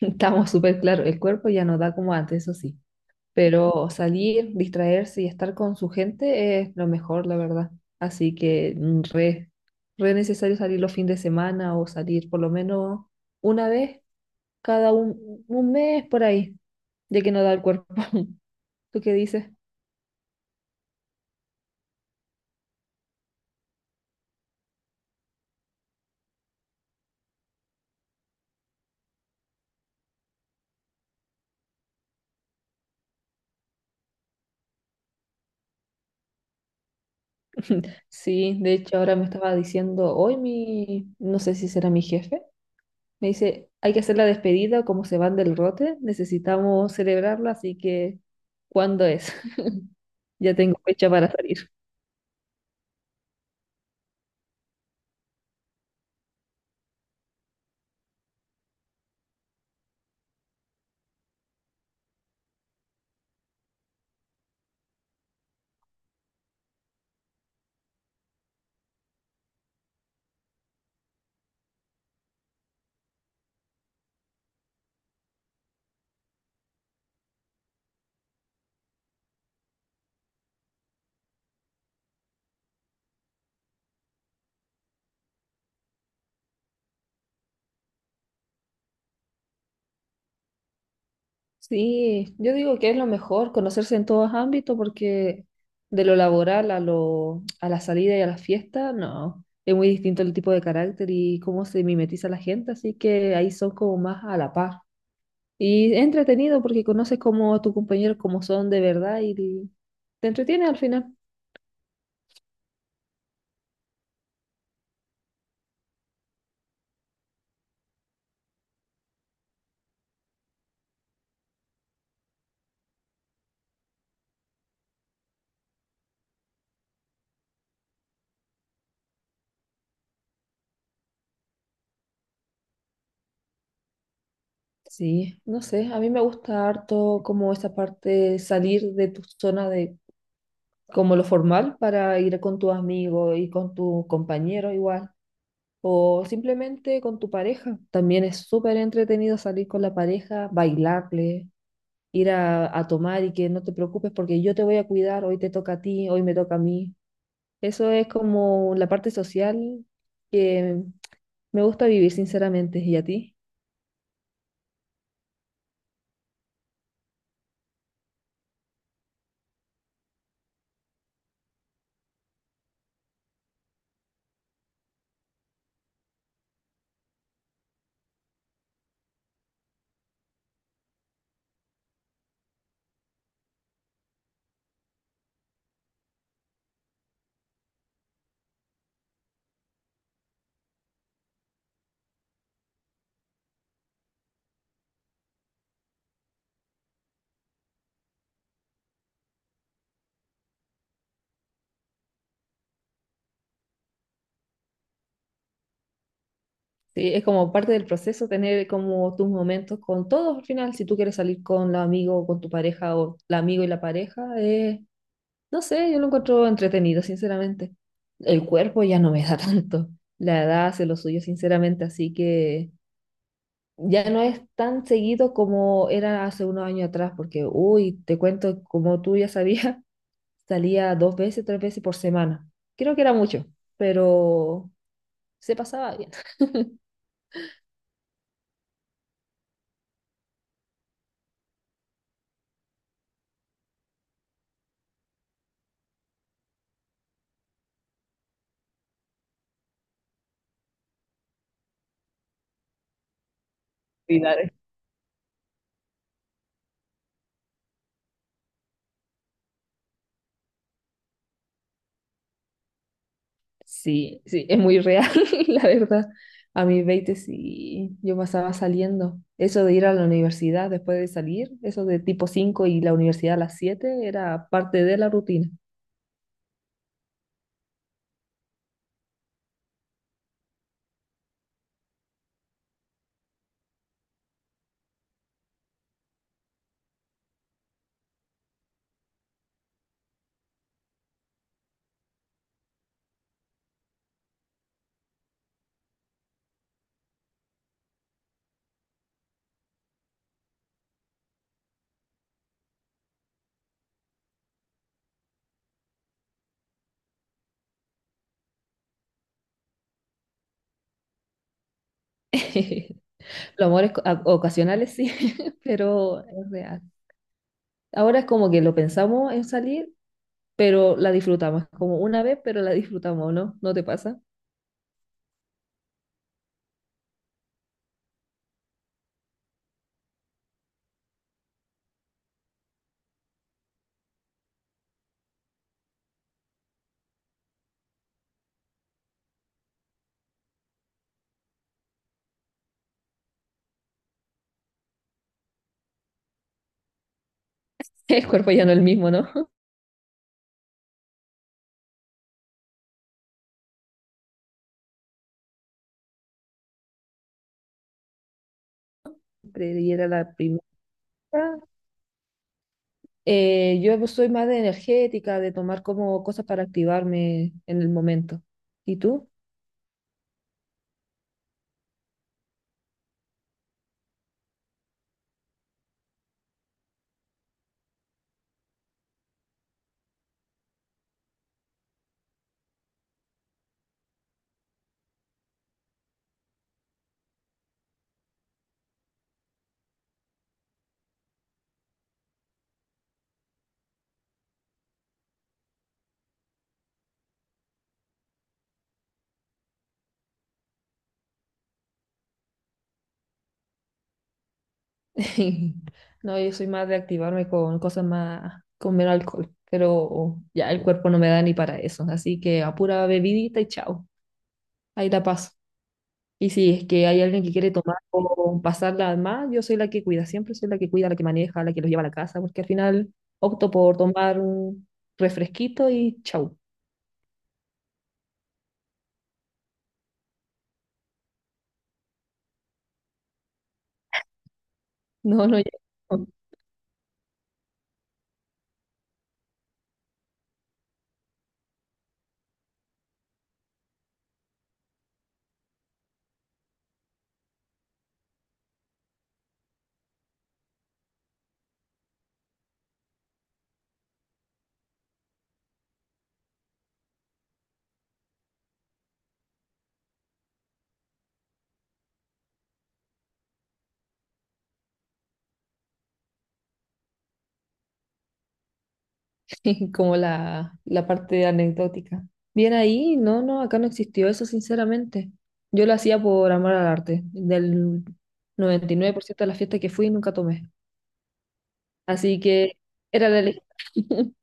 Estamos súper claro, el cuerpo ya no da como antes, eso sí, pero salir, distraerse y estar con su gente es lo mejor, la verdad. Así que re necesario salir los fines de semana o salir por lo menos una vez cada un mes por ahí, ya que no da el cuerpo. ¿Tú qué dices? Sí, de hecho ahora me estaba diciendo hoy no sé si será mi jefe. Me dice, hay que hacer la despedida, como se van del rote, necesitamos celebrarla, así que ¿cuándo es? Ya tengo fecha para salir. Sí, yo digo que es lo mejor, conocerse en todos ámbitos, porque de lo laboral a la salida y a la fiesta, no, es muy distinto el tipo de carácter y cómo se mimetiza la gente, así que ahí son como más a la par. Y es entretenido porque conoces como a tus compañeros como son de verdad y te entretiene al final. Sí, no sé, a mí me gusta harto como esa parte, salir de tu zona de como lo formal para ir con tus amigos y con tu compañero igual, o simplemente con tu pareja. También es súper entretenido salir con la pareja, bailarle, a tomar y que no te preocupes porque yo te voy a cuidar, hoy te toca a ti, hoy me toca a mí. Eso es como la parte social que me gusta vivir, sinceramente. ¿Y a ti? Sí, es como parte del proceso tener como tus momentos con todos al final. Si tú quieres salir con la amigo o con tu pareja o la amigo y la pareja, no sé, yo lo encuentro entretenido, sinceramente. El cuerpo ya no me da tanto. La edad hace lo suyo, sinceramente, así que ya no es tan seguido como era hace unos años atrás, porque, uy, te cuento, como tú ya sabías, salía dos veces, tres veces por semana. Creo que era mucho, pero se pasaba bien. Sí, la- Sí, es muy real, la verdad. A mis 20 sí, yo pasaba saliendo. Eso de ir a la universidad después de salir, eso de tipo 5 y la universidad a las 7, era parte de la rutina. Los amores ocasionales sí, pero es real. Ahora es como que lo pensamos en salir, pero la disfrutamos. Es como una vez, pero la disfrutamos, ¿no? ¿No te pasa? El cuerpo ya no es el mismo, ¿no? Siempre ir a la primera. Yo soy más de energética, de tomar como cosas para activarme en el momento. ¿Y tú? No, yo soy más de activarme con cosas más, con menos alcohol, pero ya el cuerpo no me da ni para eso, así que a pura bebidita y chao, ahí la paso. Y si es que hay alguien que quiere tomar o pasarla más, yo soy la que cuida, siempre soy la que cuida, la que maneja, la que los lleva a la casa, porque al final opto por tomar un refresquito y chau. No, no llego. Como la parte anecdótica. Bien ahí, no, acá no existió eso, sinceramente. Yo lo hacía por amor al arte. Del 99% de las fiestas que fui, nunca tomé. Así que era la elección.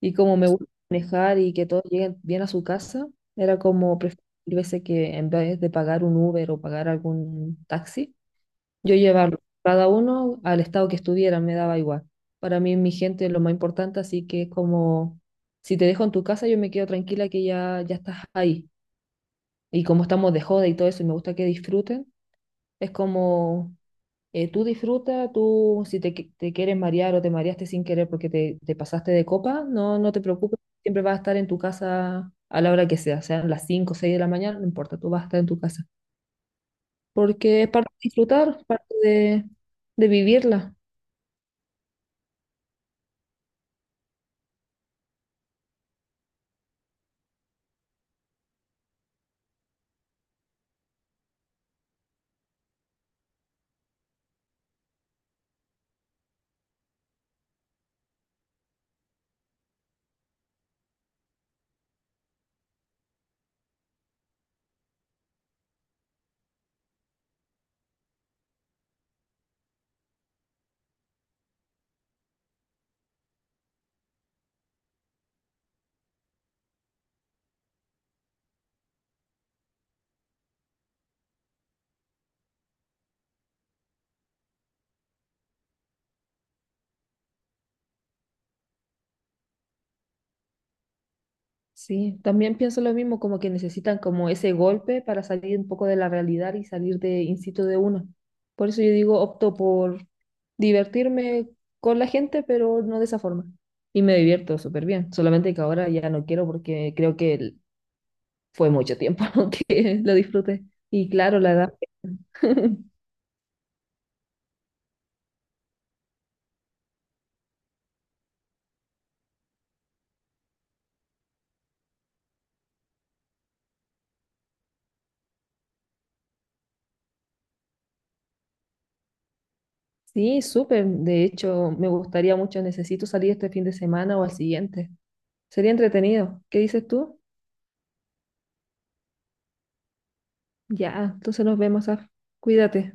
Y como me gusta manejar y que todos lleguen bien a su casa, era como preferir veces que en vez de pagar un Uber o pagar algún taxi, yo llevarlo cada uno al estado que estuvieran, me daba igual. Para mí, mi gente es lo más importante, así que es como, si te dejo en tu casa, yo me quedo tranquila que ya estás ahí. Y como estamos de joda y todo eso, y me gusta que disfruten, es como, tú disfruta, tú si te, qui- te quieres marear o te mareaste sin querer porque te pasaste de copa, no te preocupes, siempre vas a estar en tu casa a la hora que sea, sean las 5 o 6 de la mañana, no importa, tú vas a estar en tu casa. Porque es parte de disfrutar, parte de vivirla. Sí, también pienso lo mismo, como que necesitan como ese golpe para salir un poco de la realidad y salir de instinto de uno. Por eso yo digo, opto por divertirme con la gente, pero no de esa forma. Y me divierto súper bien, solamente que ahora ya no quiero porque creo que el fue mucho tiempo que lo disfruté. Y claro, la edad. Sí, súper. De hecho, me gustaría mucho, necesito salir este fin de semana o al siguiente. Sería entretenido. ¿Qué dices tú? Ya, entonces nos vemos, Af. Cuídate.